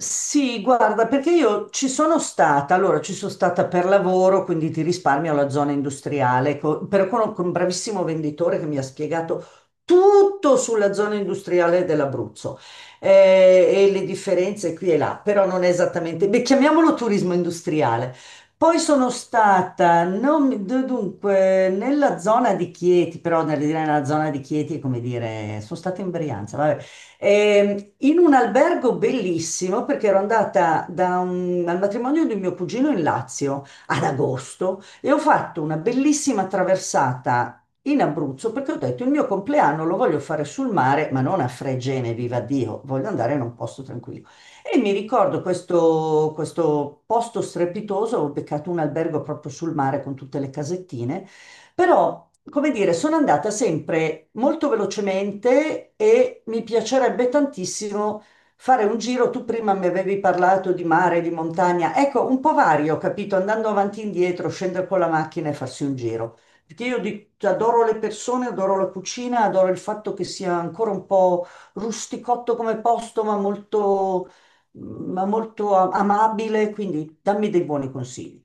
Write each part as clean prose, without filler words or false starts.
Sì, guarda, perché io ci sono stata, allora ci sono stata per lavoro, quindi ti risparmio la zona industriale, però con un bravissimo venditore che mi ha spiegato tutto sulla zona industriale dell'Abruzzo, e le differenze qui e là, però non è esattamente, beh, chiamiamolo turismo industriale. Poi sono stata, non mi- d- dunque, nella zona di Chieti, però nella zona di Chieti è come dire, sono stata in Brianza, vabbè. In un albergo bellissimo perché ero andata al matrimonio di mio cugino in Lazio ad agosto e ho fatto una bellissima traversata in Abruzzo perché ho detto il mio compleanno lo voglio fare sul mare, ma non a Fregene, viva Dio, voglio andare in un posto tranquillo. E mi ricordo questo posto strepitoso, ho beccato un albergo proprio sul mare con tutte le casettine però, come dire, sono andata sempre molto velocemente e mi piacerebbe tantissimo fare un giro. Tu prima mi avevi parlato di mare, di montagna. Ecco, un po' vario, capito? Andando avanti e indietro, scendere con la macchina e farsi un giro. Perché io adoro le persone, adoro la cucina, adoro il fatto che sia ancora un po' rusticotto come posto, ma molto amabile. Quindi dammi dei buoni consigli.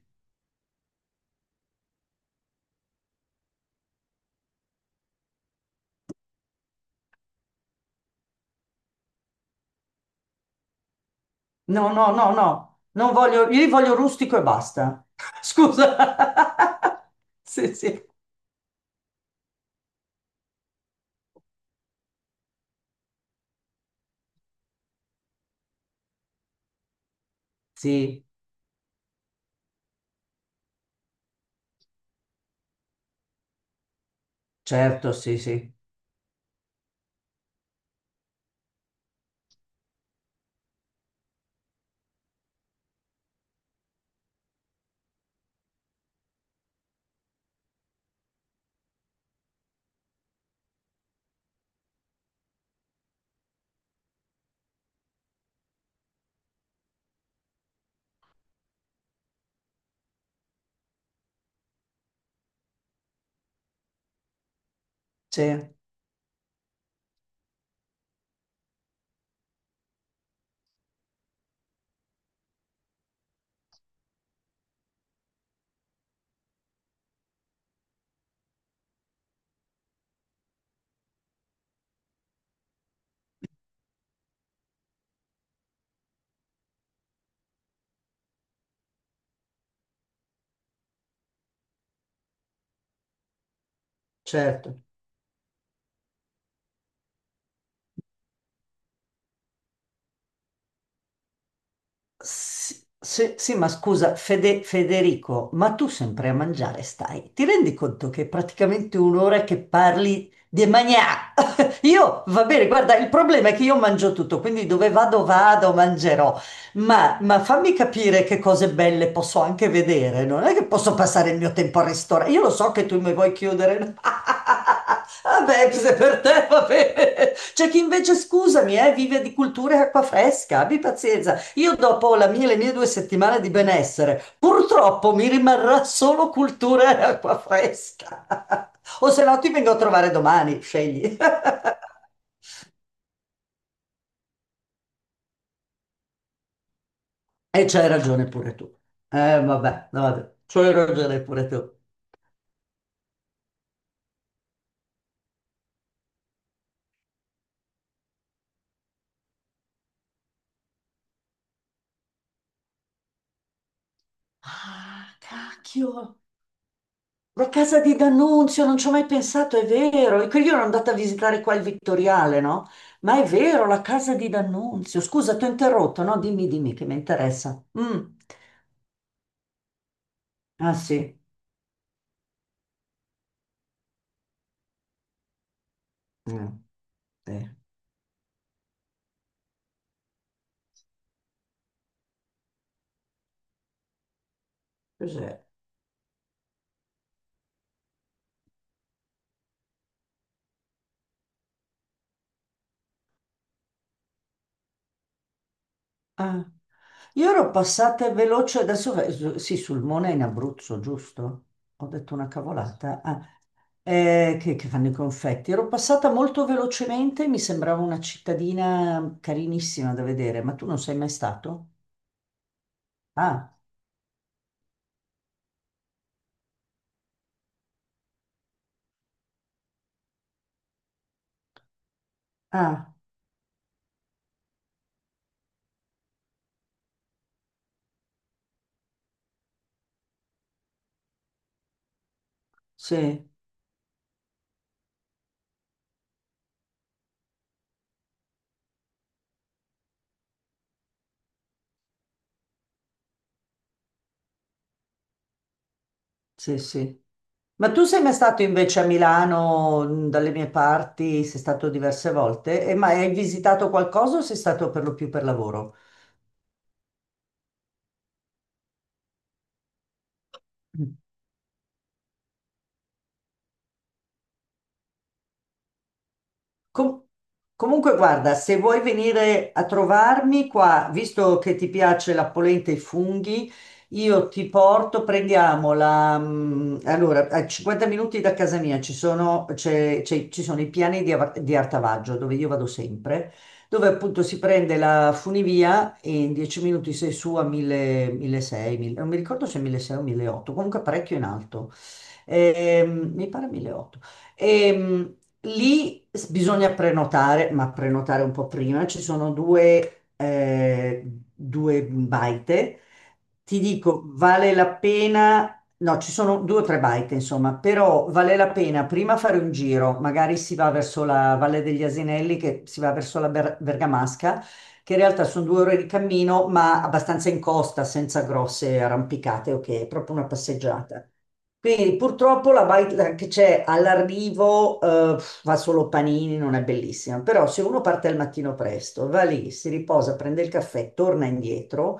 No, no, no, no, non voglio, io li voglio rustico e basta. Scusa. Sì, sì. Sì, certo, sì, sì, sì, certo. Sì, sì, ma scusa, Federico, ma tu sempre a mangiare stai? Ti rendi conto che è praticamente un'ora che parli di magnà? Io, va bene, guarda, il problema è che io mangio tutto, quindi dove vado, vado, mangerò. Ma fammi capire che cose belle posso anche vedere. Non è che posso passare il mio tempo al ristorante. Io lo so che tu mi vuoi chiudere. Vabbè, se per te va bene. C'è chi invece, scusami, vive di cultura e acqua fresca. Abbi pazienza. Io dopo le mie 2 settimane di benessere, purtroppo mi rimarrà solo cultura e acqua fresca. O se no ti vengo a trovare domani, scegli. E c'hai ragione pure tu. Vabbè, vabbè, c'hai ragione pure tu. Ah, cacchio. La casa di D'Annunzio, non ci ho mai pensato, è vero. E quindi io ero andata a visitare qua il Vittoriale, no? Ma è vero, la casa di D'Annunzio. Scusa, ti ho interrotto, no? Dimmi, dimmi, che mi interessa. Mm. Ah, sì. Mm, sì. Cos'è? Ah, io ero passata veloce, adesso sì, sul Mona in Abruzzo, giusto? Ho detto una cavolata. Ah, che fanno i confetti. Ero passata molto velocemente, mi sembrava una cittadina carinissima da vedere, ma tu non sei mai stato? Ah, ah, sì, sì, sì. Ma tu sei mai stato invece a Milano, dalle mie parti, sei stato diverse volte, e ma hai visitato qualcosa o sei stato per lo più per lavoro? Com- Comunque, guarda, se vuoi venire a trovarmi qua, visto che ti piace la polenta e i funghi, io ti porto, allora, a 50 minuti da casa mia ci sono i piani di Artavaggio, dove io vado sempre, dove appunto si prende la funivia e in 10 minuti sei su a 1000, 1600, 1000 non mi ricordo se 1600 o 1800, comunque parecchio in alto. Mi pare 1800. Ehm, Lì bisogna prenotare, ma prenotare un po' prima. Ci sono due baite. Ti dico, vale la pena. No, ci sono due o tre baite, insomma, però vale la pena prima fare un giro, magari si va verso la Valle degli Asinelli, che si va verso la Bergamasca, che in realtà sono 2 ore di cammino, ma abbastanza in costa, senza grosse arrampicate, ok, è proprio una passeggiata. Quindi purtroppo la baita che c'è all'arrivo, fa solo panini, non è bellissima. Però se uno parte al mattino presto, va lì, si riposa, prende il caffè, torna indietro,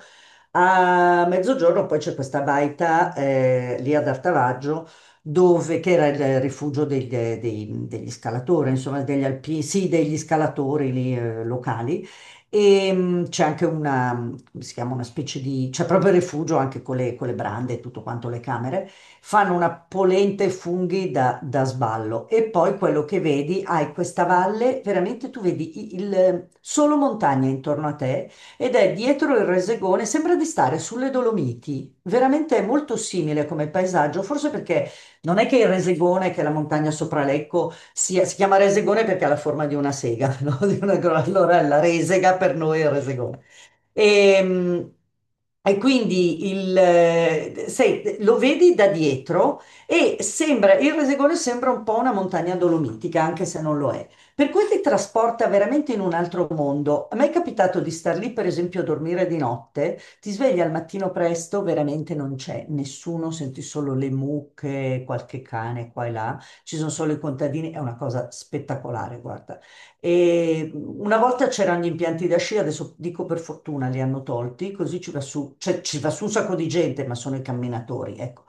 a mezzogiorno poi c'è questa baita lì ad Artavaggio, che era il rifugio degli scalatori, insomma degli alpini, sì, degli scalatori lì, locali. E c'è anche una, come si chiama, una specie di, c'è proprio il rifugio anche con le, brande e tutto quanto, le camere. Fanno una polenta e funghi da sballo. E poi quello che vedi, hai questa valle, veramente tu vedi solo montagne intorno a te ed è dietro il Resegone, sembra di stare sulle Dolomiti, veramente è molto simile come paesaggio, forse perché non è che il Resegone, che è la montagna sopra Lecco, si chiama Resegone perché ha la forma di una sega, no? Allora la resega per noi è il Resegone. E, e quindi sai, lo vedi da dietro e sembra, il Resegone sembra un po' una montagna dolomitica, anche se non lo è. Per cui ti trasporta veramente in un altro mondo. A me è capitato di star lì, per esempio, a dormire di notte, ti svegli al mattino presto, veramente non c'è nessuno, senti solo le mucche, qualche cane qua e là, ci sono solo i contadini, è una cosa spettacolare, guarda. E una volta c'erano gli impianti da sci, adesso dico per fortuna li hanno tolti, così ci va su, cioè, ci va su un sacco di gente, ma sono i camminatori, ecco,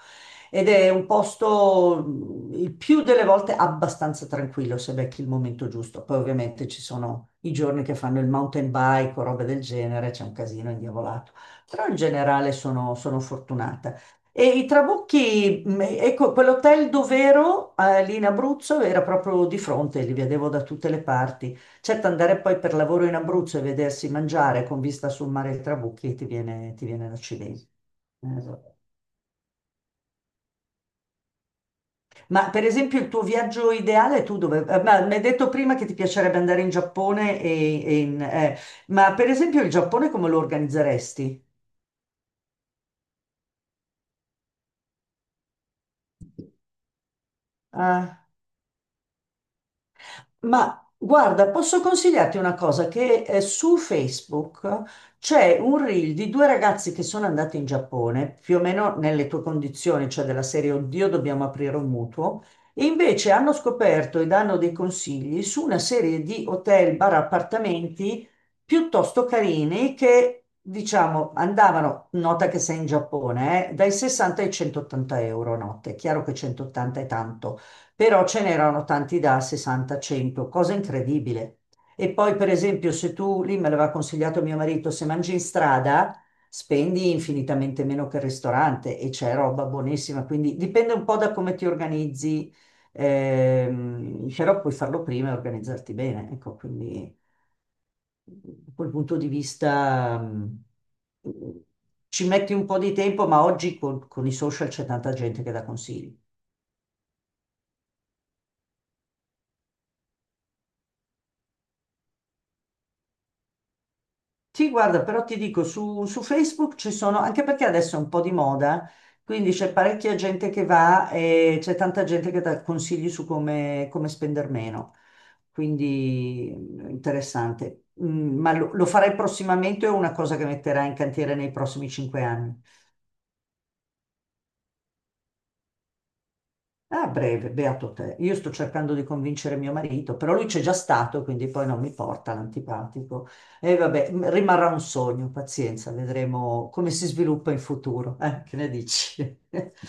ed è un posto il più delle volte abbastanza tranquillo se becchi il momento giusto. Poi ovviamente ci sono i giorni che fanno il mountain bike o robe del genere, c'è un casino indiavolato, però in generale sono fortunata. E i Trabucchi, ecco, quell'hotel dov'ero, lì in Abruzzo, era proprio di fronte, li vedevo da tutte le parti. Certo, andare poi per lavoro in Abruzzo e vedersi mangiare con vista sul mare dei Trabucchi ti viene l'accidente. Esatto. Ma per esempio il tuo viaggio ideale, ma mi hai detto prima che ti piacerebbe andare in Giappone ma per esempio il Giappone come lo organizzeresti? Ma guarda, posso consigliarti una cosa, che su Facebook c'è un reel di due ragazzi che sono andati in Giappone, più o meno nelle tue condizioni, cioè della serie Oddio, dobbiamo aprire un mutuo, e invece hanno scoperto e danno dei consigli su una serie di hotel, bar, appartamenti piuttosto carini che, diciamo, andavano, nota che sei in Giappone, dai 60 ai 180 euro a notte. È chiaro che 180 è tanto, però ce n'erano tanti da 60-100, cosa incredibile. E poi, per esempio, se tu, lì me l'aveva consigliato mio marito, se mangi in strada, spendi infinitamente meno che il ristorante e c'è roba buonissima, quindi dipende un po' da come ti organizzi, però puoi farlo prima e organizzarti bene, ecco, quindi da quel punto di vista... Ci metti un po' di tempo, ma oggi con, i social c'è tanta gente che dà consigli. Sì, guarda, però ti dico, su, Facebook ci sono, anche perché adesso è un po' di moda, quindi c'è parecchia gente che va e c'è tanta gente che dà consigli su come, spendere meno. Quindi interessante. Ma lo, farai prossimamente o è una cosa che metterai in cantiere nei prossimi 5 anni? Ah, breve, beato te. Io sto cercando di convincere mio marito, però lui c'è già stato, quindi poi non mi porta l'antipatico. E vabbè, rimarrà un sogno, pazienza, vedremo come si sviluppa in futuro. Che ne dici?